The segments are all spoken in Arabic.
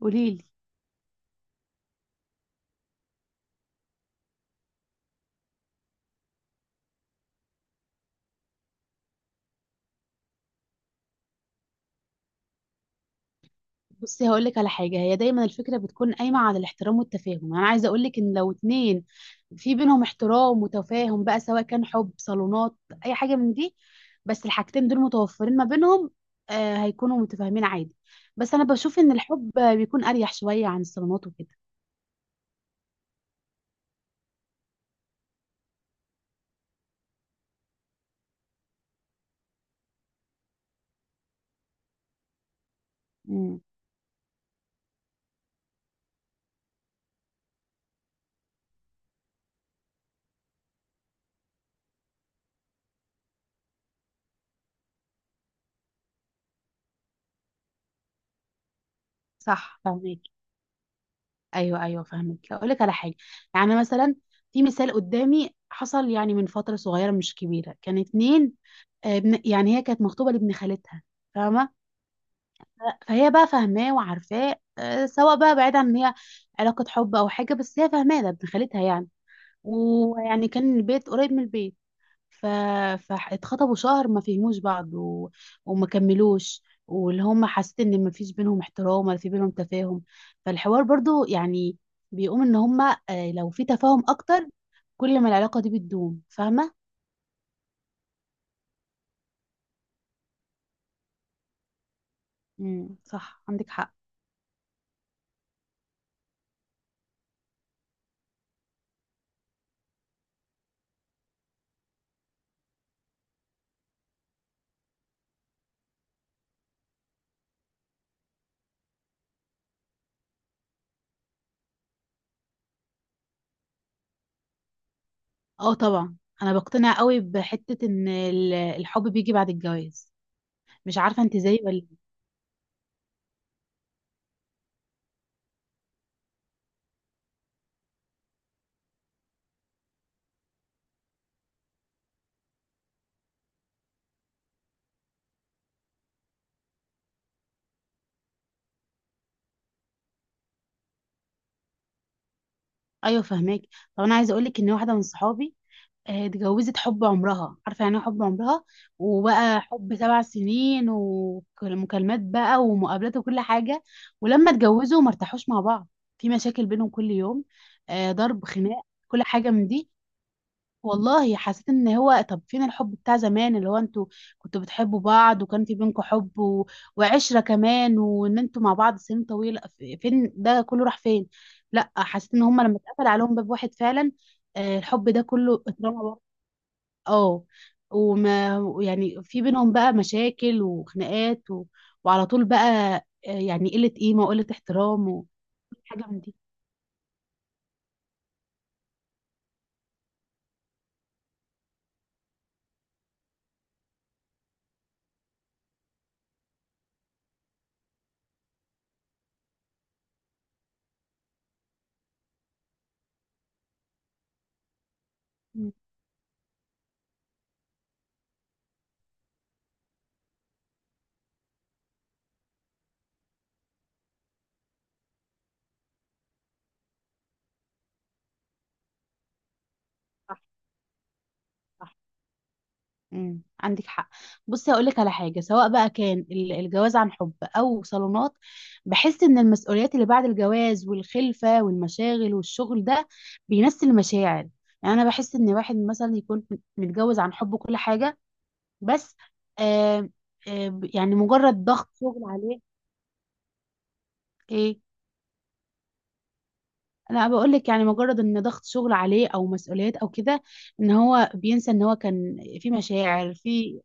قوليلي. بصي هقول لك على حاجه، هي دايما الفكره بتكون قايمه على الاحترام والتفاهم. يعني انا عايزه اقول لك ان لو اتنين في بينهم احترام وتفاهم، بقى سواء كان حب، صالونات، اي حاجه من دي، بس الحاجتين دول متوفرين ما بينهم، هيكونوا متفاهمين عادي. بس انا بشوف ان الحب بيكون اريح شويه عن الصالونات وكده. امم صح، فاهمك. ايوه، ايوه، فاهمك. اقول لك على حاجه، يعني مثلا في مثال قدامي حصل، يعني من فتره صغيره مش كبيره، كان اتنين. يعني هي كانت مخطوبة لابن خالتها، فاهمة؟ فهي بقى فاهماه وعارفاه، سواء بقى بعيد عن إن هي علاقة حب أو حاجة، بس هي فاهماه ده ابن خالتها يعني. ويعني كان البيت قريب من البيت. ف... فاتخطبوا شهر ما فهموش بعض وما كملوش. واللي هم، حسيت ان ما فيش بينهم احترام ولا في بينهم تفاهم. فالحوار برضو، يعني بيقوم ان هم، لو في تفاهم اكتر، كل ما العلاقة دي بتدوم. فاهمة؟ صح، عندك حق. اه، طبعا. انا بقتنع قوي بحته ان الحب بيجي بعد الجواز. مش عارفه انت زيي ولا لأ. ايوه، فهماك. طب انا عايزه اقول لك ان واحده من صحابي اتجوزت حب عمرها. عارفه يعني ايه حب عمرها؟ وبقى حب 7 سنين، ومكالمات بقى ومقابلات وكل حاجه. ولما اتجوزوا ما ارتاحوش مع بعض. في مشاكل بينهم كل يوم، ضرب، خناق، كل حاجه من دي. والله حسيت ان هو، طب فين الحب بتاع زمان، اللي هو انتوا كنتوا بتحبوا بعض وكان في بينكم حب، وعشرة كمان، وان انتوا مع بعض سنين طويلة، فين ده كله؟ راح فين؟ لا، حسيت ان هم لما اتقفل عليهم باب واحد فعلا، الحب ده كله اترمى بره. اه. وما يعني في بينهم بقى مشاكل وخناقات، وعلى طول بقى، يعني قلة قيمة وقلة احترام وكل حاجة من دي. مم. صح. صح. عندك حق. بصي هقول لك على حاجه، سواء بقى كان الجواز عن حب او صالونات، بحس ان المسؤوليات اللي بعد الجواز والخلفه والمشاغل والشغل ده بينسي المشاعر. يعني انا بحس ان واحد مثلا يكون متجوز عن حب وكل حاجه، بس آه يعني مجرد ضغط شغل عليه. ايه؟ انا بقول لك يعني مجرد ان ضغط شغل عليه او مسؤوليات او كده، ان هو بينسى ان هو كان في مشاعر في.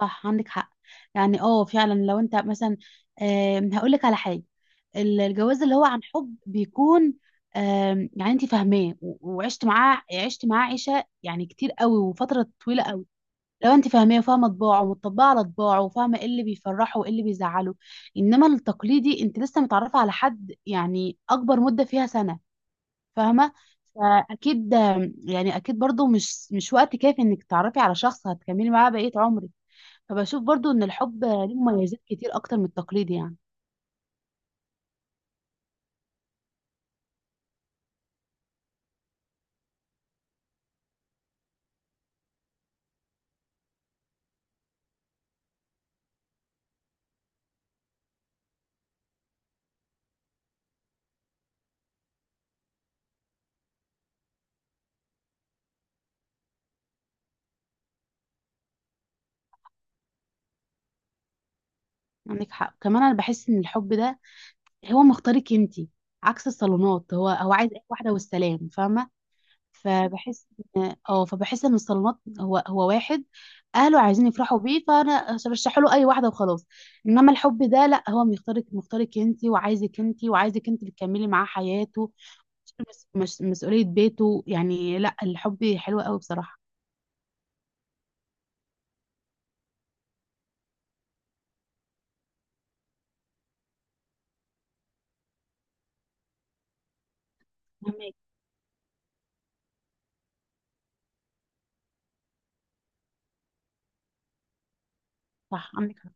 صح، عندك حق. يعني اه فعلا. لو انت مثلا، هقولك على حاجه، الجواز اللي هو عن حب بيكون، يعني انت فاهماه وعشت معاه عشت معاه عيشه، يعني كتير قوي وفتره طويله قوي. لو انت فاهماه وفاهمه طباعه ومطبقه على طباعه وفاهمه ايه اللي بيفرحه وايه اللي بيزعله. انما التقليدي، انت لسه متعرفه على حد، يعني اكبر مده فيها سنه، فاهمه؟ فاكيد، يعني اكيد برضو مش وقت كافي انك تعرفي على شخص هتكملي معاه بقيه عمرك. فبشوف برضو ان الحب ليه مميزات كتير اكتر من التقليد يعني. عندك حق. كمان انا بحس ان الحب ده هو مختارك انتي، عكس الصالونات، هو عايز اي واحده والسلام، فاهمه؟ فبحس اه فبحس ان الصالونات هو واحد اهله عايزين يفرحوا بيه، فانا برشح له اي واحده وخلاص. انما الحب ده لا، هو مختارك، مختارك انتي وعايزك انتي وعايزك انتي اللي تكملي معاه حياته، مسؤوليه بيته. يعني لا، الحب حلو قوي بصراحه. فهمك. صح، عندك حق.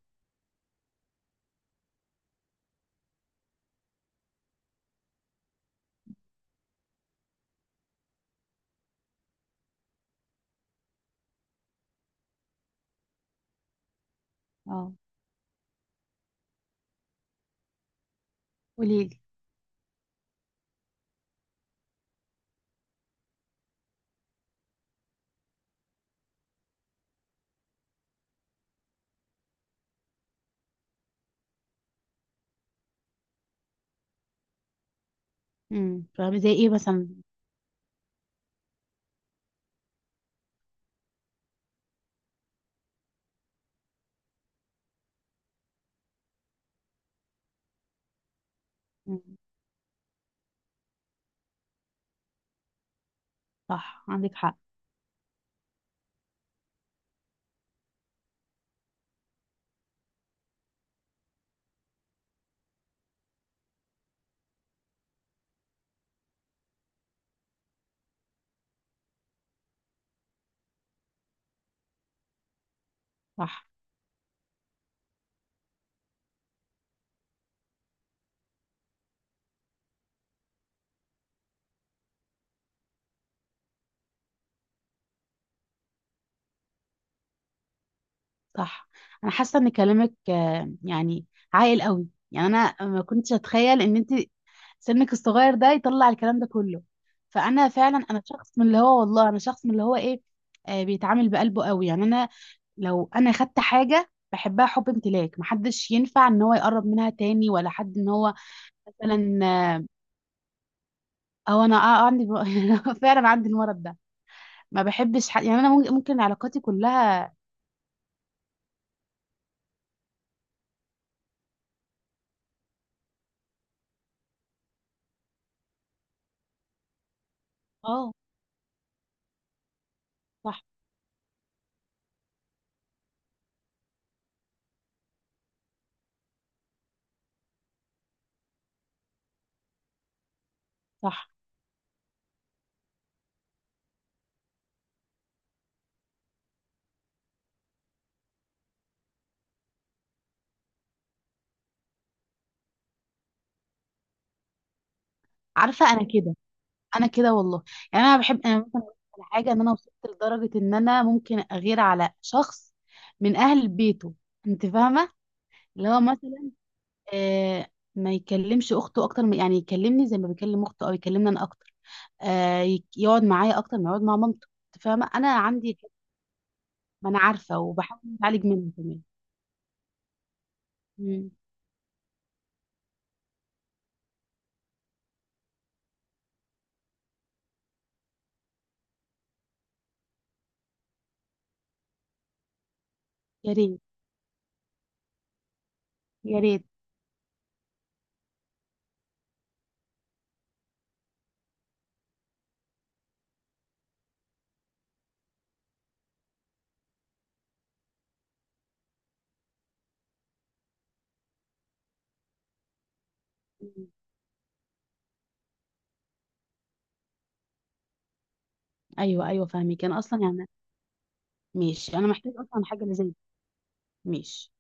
اه. قوليلي. فاهمة، زي ايه مثلا؟ مم. صح، عندك حق. صح. صح. انا حاسه ان كلامك يعني عاقل قوي. يعني انا ما كنتش اتخيل ان انت سنك الصغير ده يطلع الكلام ده كله. فانا فعلا انا شخص من اللي هو، والله انا شخص من اللي هو، ايه، بيتعامل بقلبه قوي. يعني انا لو انا خدت حاجه بحبها حب امتلاك، محدش ينفع ان هو يقرب منها تاني، ولا حد ان هو مثلا، او انا عندي. فعلا عندي المرض ده. ما بحبش حد. يعني انا ممكن علاقاتي كلها. اه. صح. صح. عارفه انا كده، انا كده والله. يعني انا ممكن أقول لك على حاجه، ان انا وصلت لدرجه ان انا ممكن اغير على شخص من اهل بيته. انت فاهمه؟ اللي هو مثلا آه ما يكلمش اخته اكتر، من يعني يكلمني زي ما بيكلم اخته، او يكلمني انا اكتر، يقعد معايا اكتر ما يقعد مع مامته. انت فاهمه، انا عندي كده. ما انا عارفه، وبحاول اتعالج منه كمان. مم. يا ريت. يا ريت. مم. ايوه، ايوه، فاهمك. انا اصلا يعني ماشي. انا محتاجه اصلا حاجه اللي زي دي. ماشي.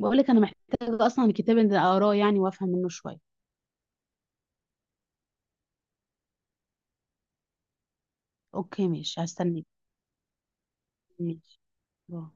بقول لك انا محتاجه اصلا الكتاب اللي اقراه يعني، وافهم منه شويه. اوكي، ماشي، هستناك. ماشي، باي.